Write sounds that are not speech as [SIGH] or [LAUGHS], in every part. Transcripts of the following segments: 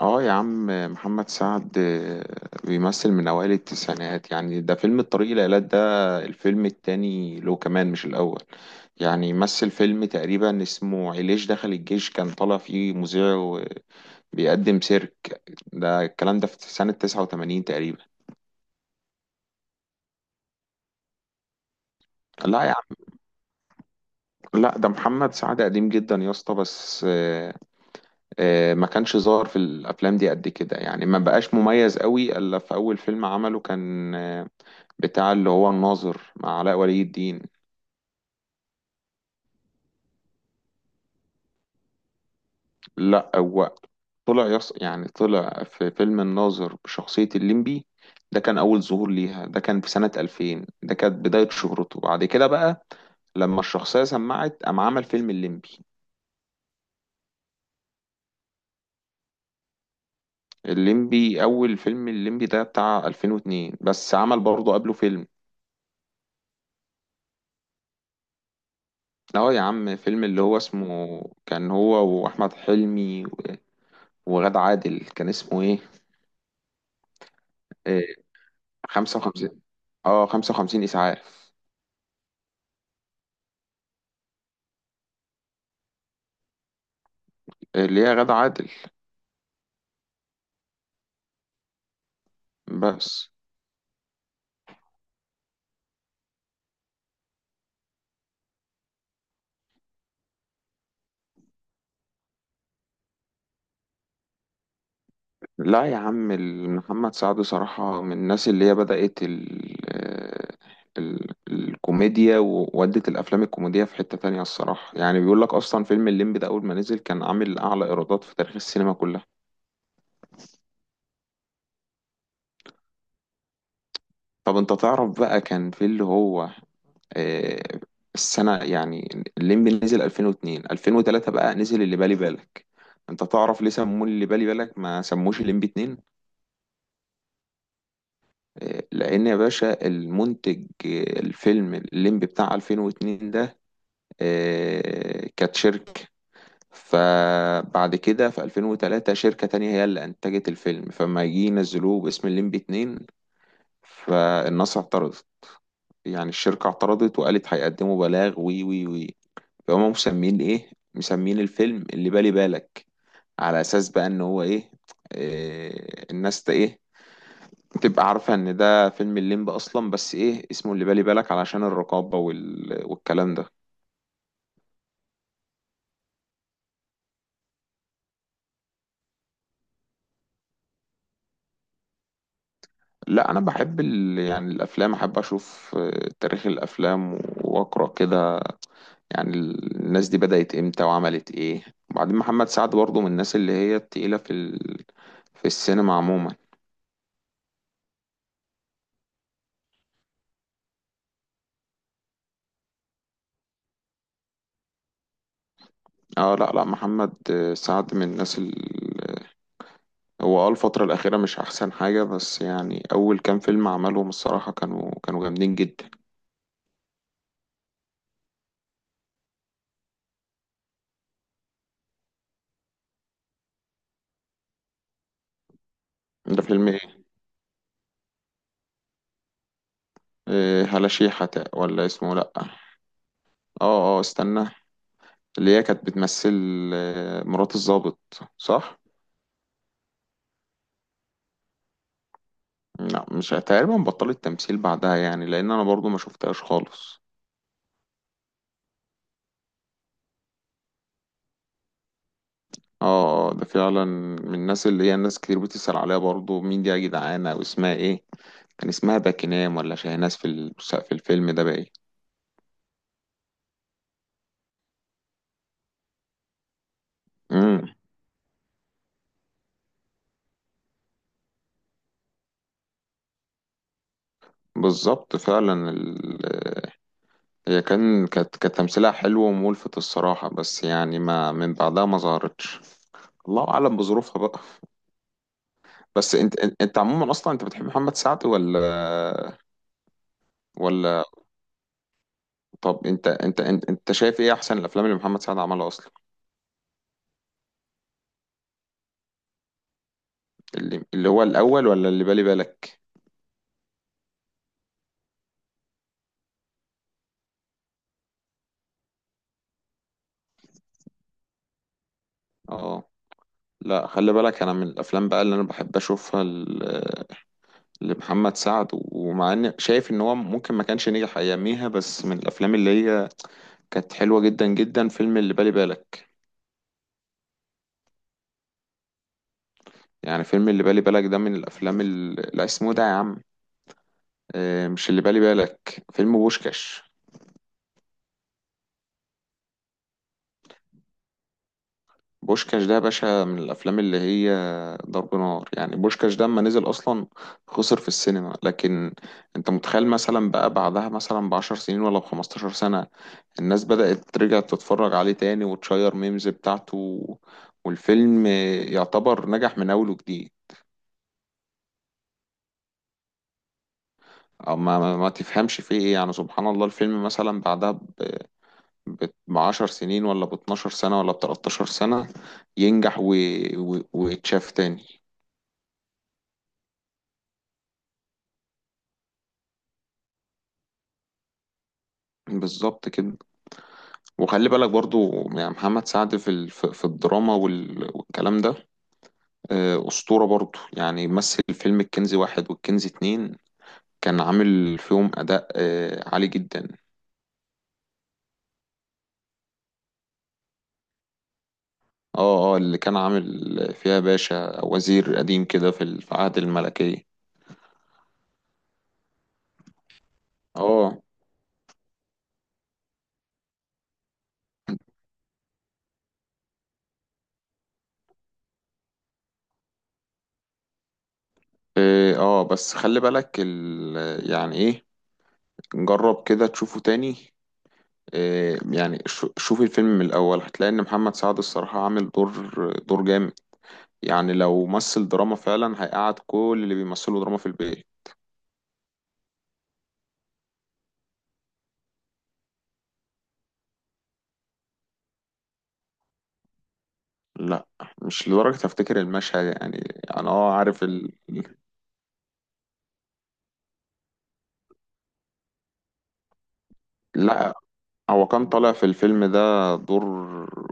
اه يا عم. محمد سعد بيمثل من اوائل التسعينات، يعني ده فيلم الطريق الى ايلات، ده الفيلم التاني له كمان، مش الاول. يعني مثل فيلم تقريبا اسمه علاج، دخل الجيش كان طالع فيه مذيع وبيقدم سيرك. ده الكلام ده في سنة 89 تقريبا. لا يا عم. لا، ده محمد سعد قديم جدا يا اسطى، بس ما كانش ظاهر في الافلام دي قد كده، يعني ما بقاش مميز قوي الا في اول فيلم عمله، كان بتاع اللي هو الناظر مع علاء ولي الدين. لا هو طلع يعني طلع في فيلم الناظر بشخصية الليمبي. ده كان أول ظهور ليها، ده كان في سنة 2000، ده كانت بداية شهرته بعد كده، بقى لما الشخصية سمعت قام عمل فيلم الليمبي. الليمبي، أول فيلم الليمبي ده بتاع 2002، بس عمل برضه قبله فيلم. اه يا عم، فيلم اللي هو اسمه كان هو وأحمد حلمي وغادة عادل، كان اسمه ايه؟ إيه 55، اه 55 إسعاف. اللي هي غادة عادل، بس. لا يا عم، محمد سعد صراحة من الناس اللي هي بدأت ال ال الكوميديا، وودت الأفلام الكوميدية في حتة تانية الصراحة. يعني بيقول لك أصلا فيلم الليمبي ده أول ما نزل كان عامل أعلى إيرادات في تاريخ السينما كلها. طب أنت تعرف بقى كان في اللي هو آه، السنة، يعني الليمبي نزل 2002، 2003 بقى نزل اللي بالي بالك. أنت تعرف ليه سموه اللي بالي بالك، ما سموش الليمبي 2؟ لان يا باشا المنتج الفيلم الليمبي بتاع 2002 ده كانت شركة، فبعد كده في 2003 شركة تانية هي اللي انتجت الفيلم، فما يجي ينزلوه باسم الليمبي 2، فالناس اعترضت. يعني الشركة اعترضت وقالت هيقدموا بلاغ وي وي وي. فهم مسمين ايه؟ مسمين الفيلم اللي بالي بالك، على اساس بقى ان هو ايه، الناس ايه تبقى عارفة ان ده فيلم الليمب اصلا، بس ايه اسمه اللي بالي بالك علشان الرقابة والكلام ده. لا انا بحب يعني الافلام، احب اشوف تاريخ الافلام واقرا كده، يعني الناس دي بدأت امتى وعملت ايه. وبعدين محمد سعد برضه من الناس اللي هي التقيلة في في السينما عموما. اه، لا لا، محمد سعد من الناس هو الفترة الأخيرة مش أحسن حاجة، بس يعني أول كام فيلم عملهم الصراحة كانوا جامدين جدا. ده فيلم إيه؟ هلاشيحة ولا اسمه لأ اه. اه استنى، اللي هي كانت بتمثل مرات الضابط، صح؟ لا، مش تقريبا، بطلت تمثيل بعدها، يعني لأن أنا برضو ما شفتهاش خالص. اه اه، ده فعلا من الناس اللي هي الناس كتير بتسأل عليها برضو، مين دي يا جدعانة، أو اسمها ايه. كان اسمها باكينام ولا شاهناز في في الفيلم ده، باين. امم بالظبط، فعلا هي كانت تمثيلها حلو وملفت الصراحة، بس يعني ما من بعدها ما ظهرتش. الله اعلم بظروفها بقى. بس انت عموما اصلا، انت بتحب محمد سعد ولا؟ ولا طب انت شايف ايه احسن الافلام اللي محمد سعد عملها اصلا؟ اللي هو الاول ولا اللي بالي بالك؟ اه، لا خلي بالك، انا من الافلام بقى اللي انا بحب اشوفها لمحمد سعد، ومع ان شايف ان هو ممكن ما كانش نجح اياميها، بس من الافلام اللي هي كانت حلوه جدا جدا فيلم اللي بالي بالك. يعني فيلم اللي بالي بالك ده من الافلام اللي، لا اسمه ده يا عم مش اللي بالي بالك، فيلم بوشكاش. بوشكاش ده يا باشا من الافلام اللي هي ضرب نار، يعني بوشكاش ده اما نزل اصلا خسر في السينما، لكن انت متخيل مثلا بقى بعدها مثلا ب10 سنين ولا ب15 سنة الناس بدأت ترجع تتفرج عليه تاني وتشير ميمز بتاعته، والفيلم يعتبر نجح من اول وجديد. أو ما تفهمش فيه ايه، يعني سبحان الله، الفيلم مثلا بعدها ب10 سنين ولا ب12 سنة ولا ب13 سنة ينجح ويتشاف تاني. بالظبط كده، وخلي بالك برضو يعني محمد سعد في في الدراما والكلام ده أسطورة برضو، يعني مثل فيلم الكنز واحد والكنز اتنين، كان عامل فيهم أداء عالي جدا. اه اه، اللي كان عامل فيها باشا وزير قديم كده في في عهد الملكية. اه اه بس خلي بالك يعني ايه، جرب كده تشوفه تاني. يعني شوف الفيلم من الأول، هتلاقي إن محمد سعد الصراحة عامل دور جامد، يعني لو مثل دراما فعلا هيقعد كل اللي بيمثلوا دراما في البيت. لا، مش لدرجة افتكر المشهد يعني، انا عارف لا، هو كان طالع في الفيلم ده دور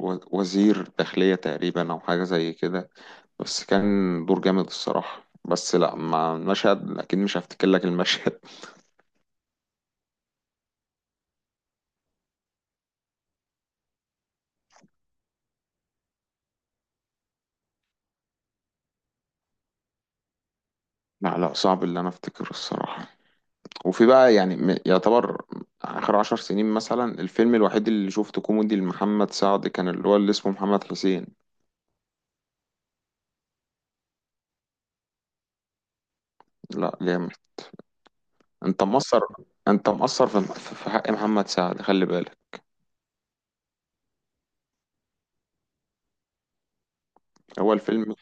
وزير داخلية تقريبا او حاجة زي كده، بس كان دور جامد الصراحة، بس لا مع المشهد اكيد مش هفتكر لك المشهد. [LAUGHS] لا لا، صعب اللي انا افتكره الصراحة. وفي بقى يعني يعتبر اخر 10 سنين مثلا الفيلم الوحيد اللي شفته كوميدي لمحمد سعد، كان اللي هو اللي اسمه محمد حسين. لا، جامد. انت مقصر، انت مقصر في حق محمد سعد، خلي بالك. هو الفيلم،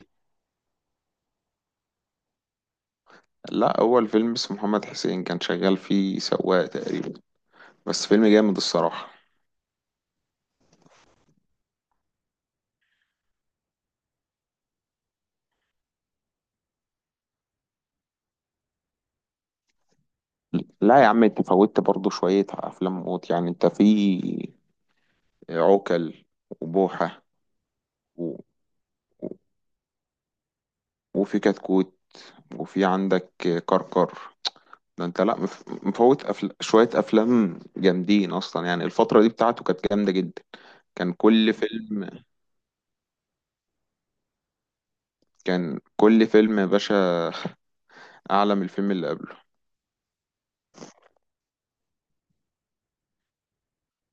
لا هو الفيلم اسمه محمد حسين، كان شغال فيه سواق تقريبا، بس فيلم جامد الصراحة. لا يا عم، انت فوتت برضو شوية افلام موت، يعني انت في عوكل، وبوحة و... و- وفي كتكوت، وفي عندك كركر. ده انت لا مفوت شوية افلام جامدين اصلا، يعني الفترة دي بتاعته كانت جامدة جدا. كان كل فيلم كان كل فيلم يا باشا اعلى من الفيلم اللي قبله.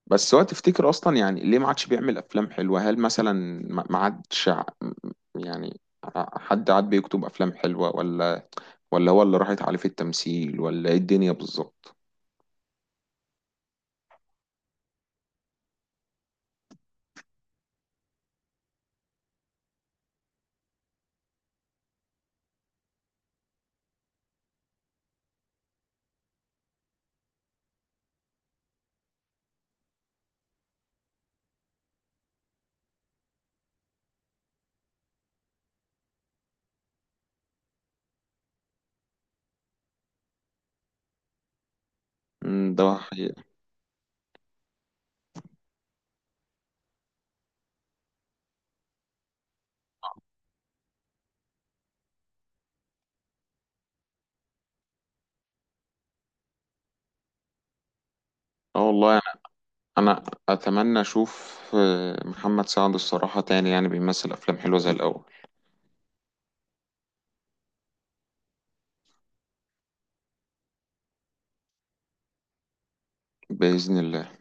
بس هو تفتكر اصلا يعني ليه ما عادش بيعمل افلام حلوه؟ هل مثلا ما عادش يعني حد عاد بيكتب افلام حلوه، ولا هو اللي راحت عليه في التمثيل ولا ايه الدنيا بالظبط؟ مم، ده حقيقة. اه والله يعني، انا اتمنى اشوف محمد سعد الصراحه تاني، يعني بيمثل افلام حلوه زي الاول، باذن الله.